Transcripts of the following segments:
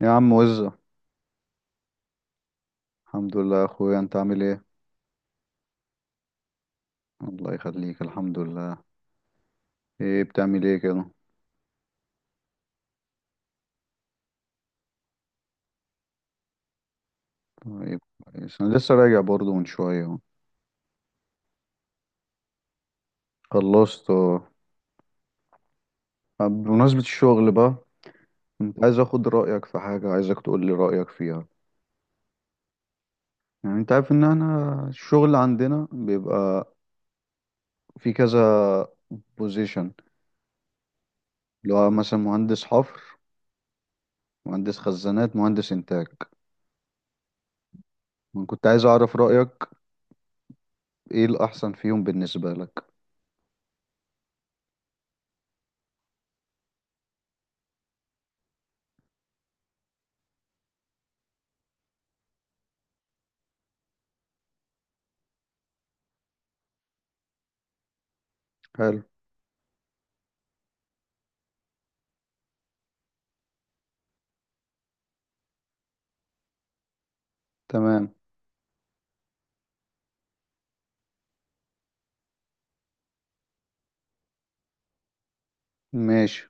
يا عم وزة. الحمد لله يا اخويا، انت عامل ايه؟ الله يخليك، الحمد لله. ايه بتعمل ايه كده؟ طيب كويس، انا لسه راجع برضو من شوية اهو. خلصت اه. طب بمناسبة الشغل بقى، كنت عايز اخد رأيك في حاجة، عايزك تقول لي رأيك فيها. يعني انت عارف ان انا الشغل عندنا بيبقى في كذا بوزيشن، اللي هو مثلا مهندس حفر، مهندس خزانات، مهندس انتاج. انا كنت عايز اعرف رأيك، ايه الاحسن فيهم بالنسبة لك. حلو. تمام. ماشي.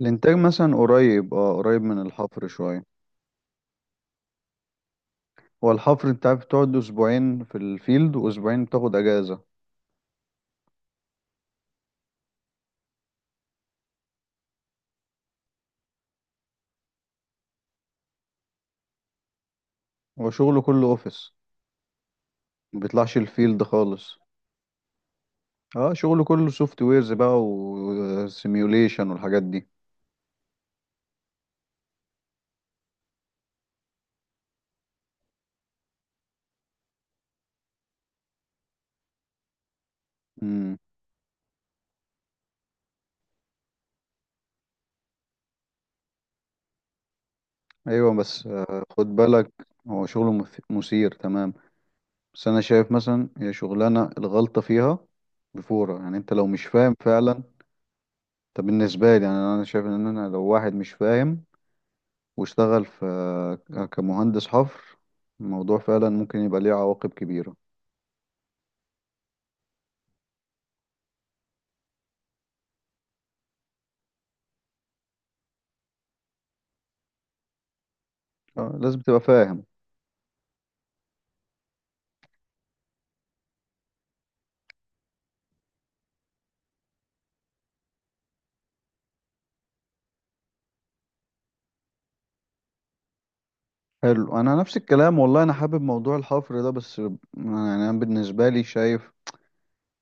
الانتاج مثلا قريب، اه قريب من الحفر شويه. هو الحفر انت عارف بتقعد اسبوعين في الفيلد واسبوعين بتاخد اجازه. هو شغله كله اوفيس، ما بيطلعش الفيلد خالص. اه شغله كله سوفت ويرز بقى وسيميوليشن والحاجات دي. امم ايوه بس خد بالك. هو شغله مثير تمام. بس انا شايف مثلا هي شغلانه الغلطه فيها بفوره، يعني انت لو مش فاهم فعلا. طب بالنسبه لي يعني انا شايف ان انا لو واحد مش فاهم واشتغل في كمهندس حفر، الموضوع فعلا ممكن يبقى ليه عواقب كبيرة. لازم تبقى فاهم. حلو انا نفس الكلام والله، انا حابب موضوع الحفر ده بس يعني انا بالنسبة لي شايف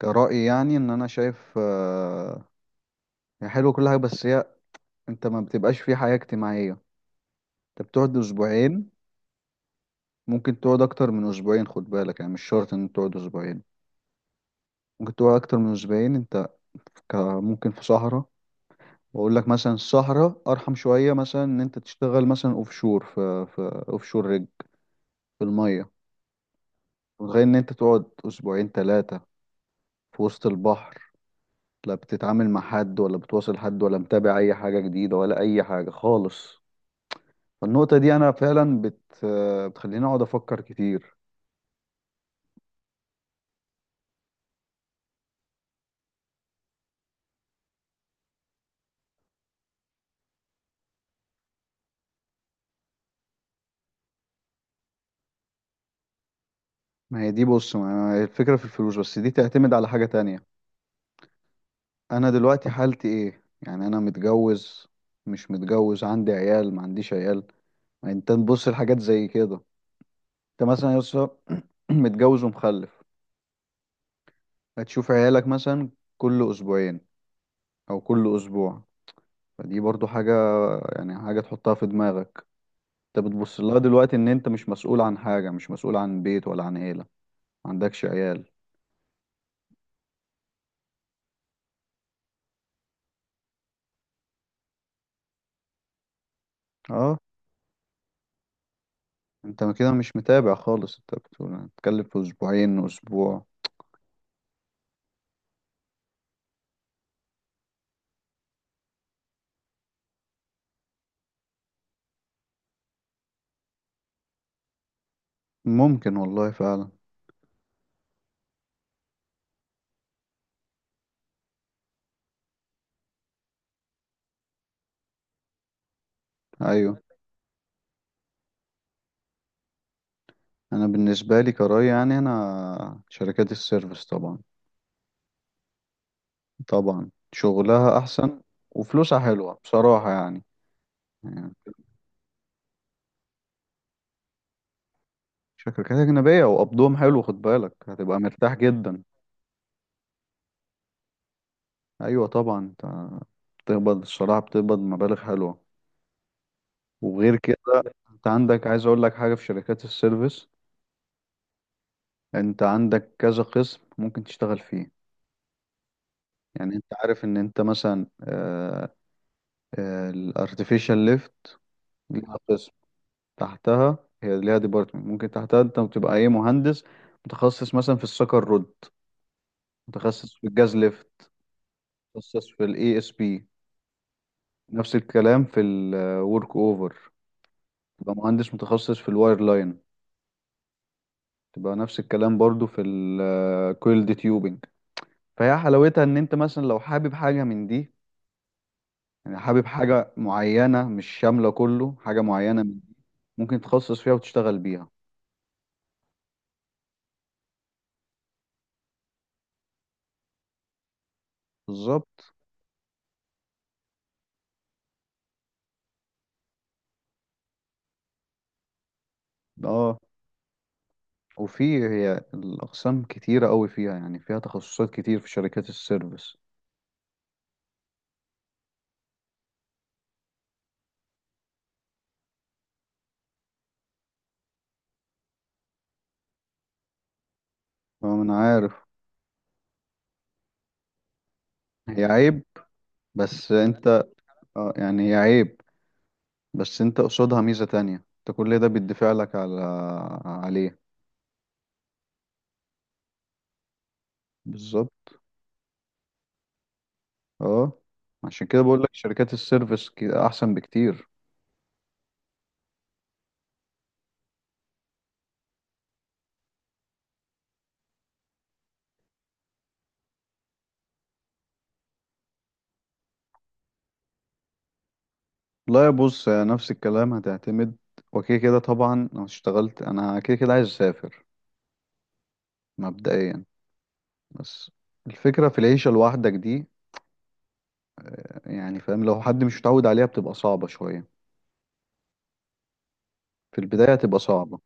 كرأي، يعني ان انا شايف هي حلوة كل حاجة بس هي انت ما بتبقاش في حياة اجتماعية، انت بتقعد اسبوعين. ممكن تقعد اكتر من اسبوعين، خد بالك، يعني مش شرط ان تقعد اسبوعين. ممكن تقعد اكتر من اسبوعين انت، ممكن في صحراء. واقول لك مثلا السهرة ارحم شوية، مثلا ان انت تشتغل مثلا اوف شور، في اوف شور رجل في المية. متخيل ان انت تقعد اسبوعين ثلاثة في وسط البحر؟ لا بتتعامل مع حد ولا بتواصل حد ولا متابع اي حاجة جديدة ولا اي حاجة خالص. فالنقطة دي انا فعلا بتخليني اقعد افكر كتير. ما هي دي بص، ما هي الفكرة في الفلوس، بس دي تعتمد على حاجة تانية. انا دلوقتي حالتي ايه؟ يعني انا متجوز مش متجوز، عندي عيال ما عنديش عيال. يعني انت تبص لحاجات زي كده. انت مثلا يا اسطى متجوز ومخلف، هتشوف عيالك مثلا كل اسبوعين او كل اسبوع. فدي برضو حاجة، يعني حاجة تحطها في دماغك. انت بتبص لها دلوقتي ان انت مش مسؤول عن حاجة، مش مسؤول عن بيت ولا عن عيلة، ما عندكش عيال. اه انت كده مش متابع خالص، انت بتقول هتتكلم في اسبوعين اسبوع. ممكن والله فعلا. ايوه انا بالنسبة لي كراي، يعني انا شركات السيرفيس طبعا. طبعا شغلها احسن وفلوسها حلوة بصراحة يعني. يعني شركات أجنبية وقبضهم حلو، خد بالك هتبقى مرتاح جدا. أيوة طبعا، أنت بتقبض الصراحة بتقبض مبالغ حلوة. وغير كده أنت عندك، عايز أقول لك حاجة في شركات السيرفيس. أنت عندك كذا قسم ممكن تشتغل فيه. يعني أنت عارف إن أنت مثلا الأرتفيشال ليفت ليها قسم، تحتها هي ليها ديبارتمنت، ممكن تحتها أنت بتبقى إيه، مهندس متخصص مثلا في السكر رود، متخصص في الجاز ليفت، متخصص في الاي اس بي. نفس الكلام في الورك اوفر، تبقى مهندس متخصص في الواير لاين. تبقى نفس الكلام برضو في الكويلد تيوبنج. فهي حلاوتها ان انت مثلا لو حابب حاجة من دي، يعني حابب حاجة معينة مش شاملة كله، حاجة معينة من دي، ممكن تتخصص فيها وتشتغل بيها. بالظبط. اه وفي هي الأقسام كتيرة قوي فيها، يعني فيها تخصصات كتير في شركات السيرفيس. اه ما انا عارف. هي عيب بس انت، اه يعني هي عيب بس انت قصادها ميزة تانية، انت كل ده بيدفع لك على عليه. بالظبط. اه عشان كده بقول لك شركات السيرفيس احسن بكتير. لا يا بص، يا نفس الكلام هتعتمد، وكده كده طبعا لو اشتغلت انا كده كده عايز اسافر مبدئيا. بس الفكرة في العيشة لوحدك دي، يعني فاهم لو حد مش متعود عليها بتبقى صعبة شوية. في البداية هتبقى صعبة.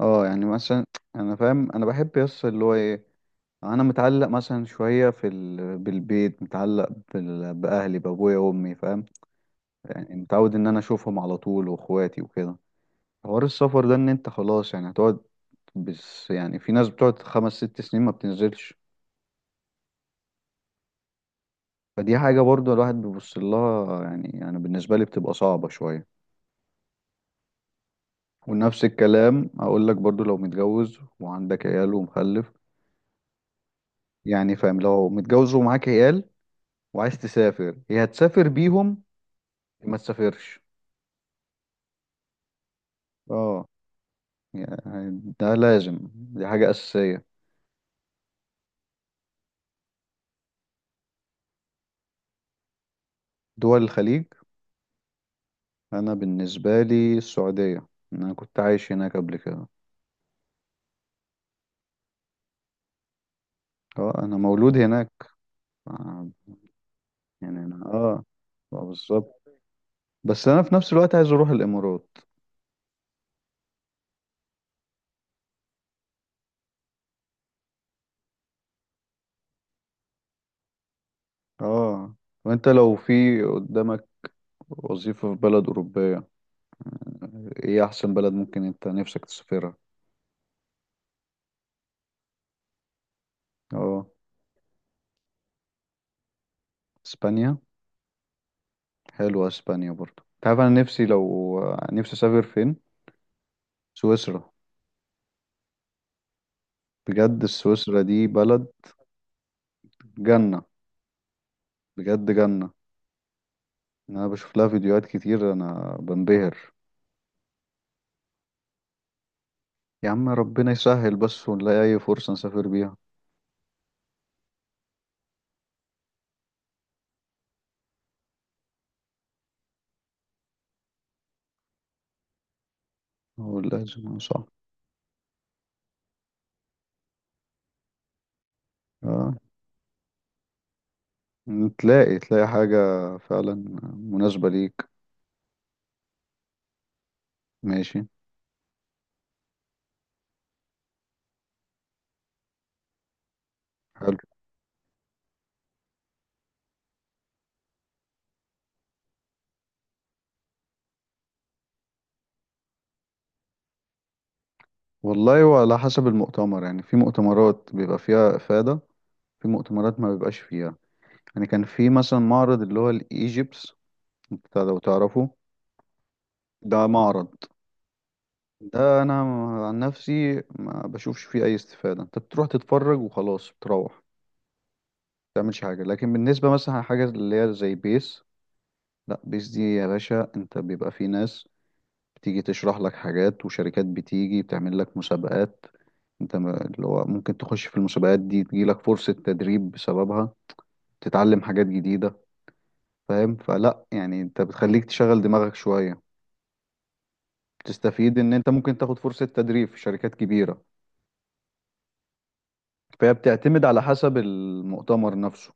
اه يعني مثلا انا فاهم، انا بحب يس اللي هو ايه، انا متعلق مثلا شويه في ال... بالبيت، متعلق بال... باهلي، بابويا وامي، فاهم. يعني متعود ان انا اشوفهم على طول واخواتي وكده. حوار السفر ده ان انت خلاص يعني هتقعد، بس يعني في ناس بتقعد خمس ست سنين ما بتنزلش. فدي حاجه برضو الواحد بيبص لها، يعني انا بالنسبه لي بتبقى صعبه شويه. ونفس الكلام اقول لك برضو لو متجوز وعندك عيال ومخلف. يعني فاهم لو متجوز ومعاك عيال وعايز تسافر، يا هتسافر بيهم يا ما تسافرش. اه يعني ده لازم، دي حاجة أساسية. دول الخليج، أنا بالنسبة لي السعودية. أنا كنت عايش هناك قبل كده. أه أنا مولود هناك. آه، يعني أنا أه بالظبط. بس أنا في نفس الوقت عايز أروح الإمارات. أه وأنت لو في قدامك وظيفة في بلد أوروبية، إيه أحسن بلد ممكن أنت نفسك تسافرها؟ أه إسبانيا. حلوة إسبانيا برضه. أنت عارف أنا نفسي لو نفسي أسافر فين؟ سويسرا. بجد سويسرا دي بلد جنة، بجد جنة. يعني انا بشوف لها فيديوهات كتير انا بنبهر. يا عم ربنا يسهل بس ونلاقي اي فرصة نسافر بيها. هو لازم صح. اه تلاقي تلاقي حاجة فعلا مناسبة ليك. ماشي. حلو والله، وعلى حسب المؤتمر يعني، في مؤتمرات بيبقى فيها إفادة، في مؤتمرات ما بيبقاش فيها. يعني كان في مثلا معرض اللي هو الإيجيبس بتاع، لو تعرفه. ده معرض، ده انا عن نفسي ما بشوفش فيه اي استفادة، انت بتروح تتفرج وخلاص، بتروح تعملش حاجة. لكن بالنسبة مثلا حاجة اللي هي زي بيس، لا بيس دي يا باشا، انت بيبقى في ناس بتيجي تشرح لك حاجات، وشركات بتيجي بتعمل لك مسابقات. انت اللي هو ممكن تخش في المسابقات دي تجيلك فرصة تدريب بسببها، تتعلم حاجات جديدة. فاهم؟ فلا يعني انت بتخليك تشغل دماغك شوية، تستفيد ان انت ممكن تاخد فرصة تدريب في شركات كبيرة. فهي بتعتمد على حسب المؤتمر نفسه.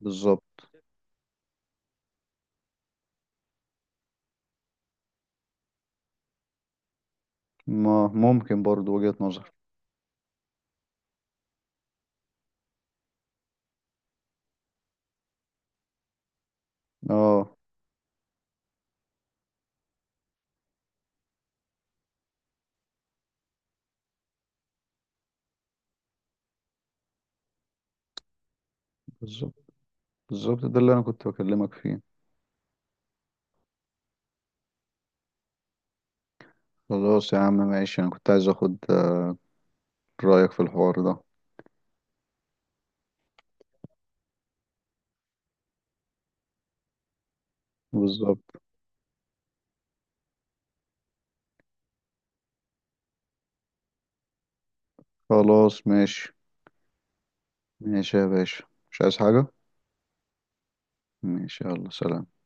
بالظبط. ما ممكن برضو وجهة نظر. اه بالظبط. بالظبط ده اللي انا كنت بكلمك فيه. خلاص يا عم ماشي، انا كنت عايز اخد رأيك في الحوار ده. بالظبط. خلاص ماشي. ماشي يا باشا، مش عايز حاجة. ماشي، يلا سلام.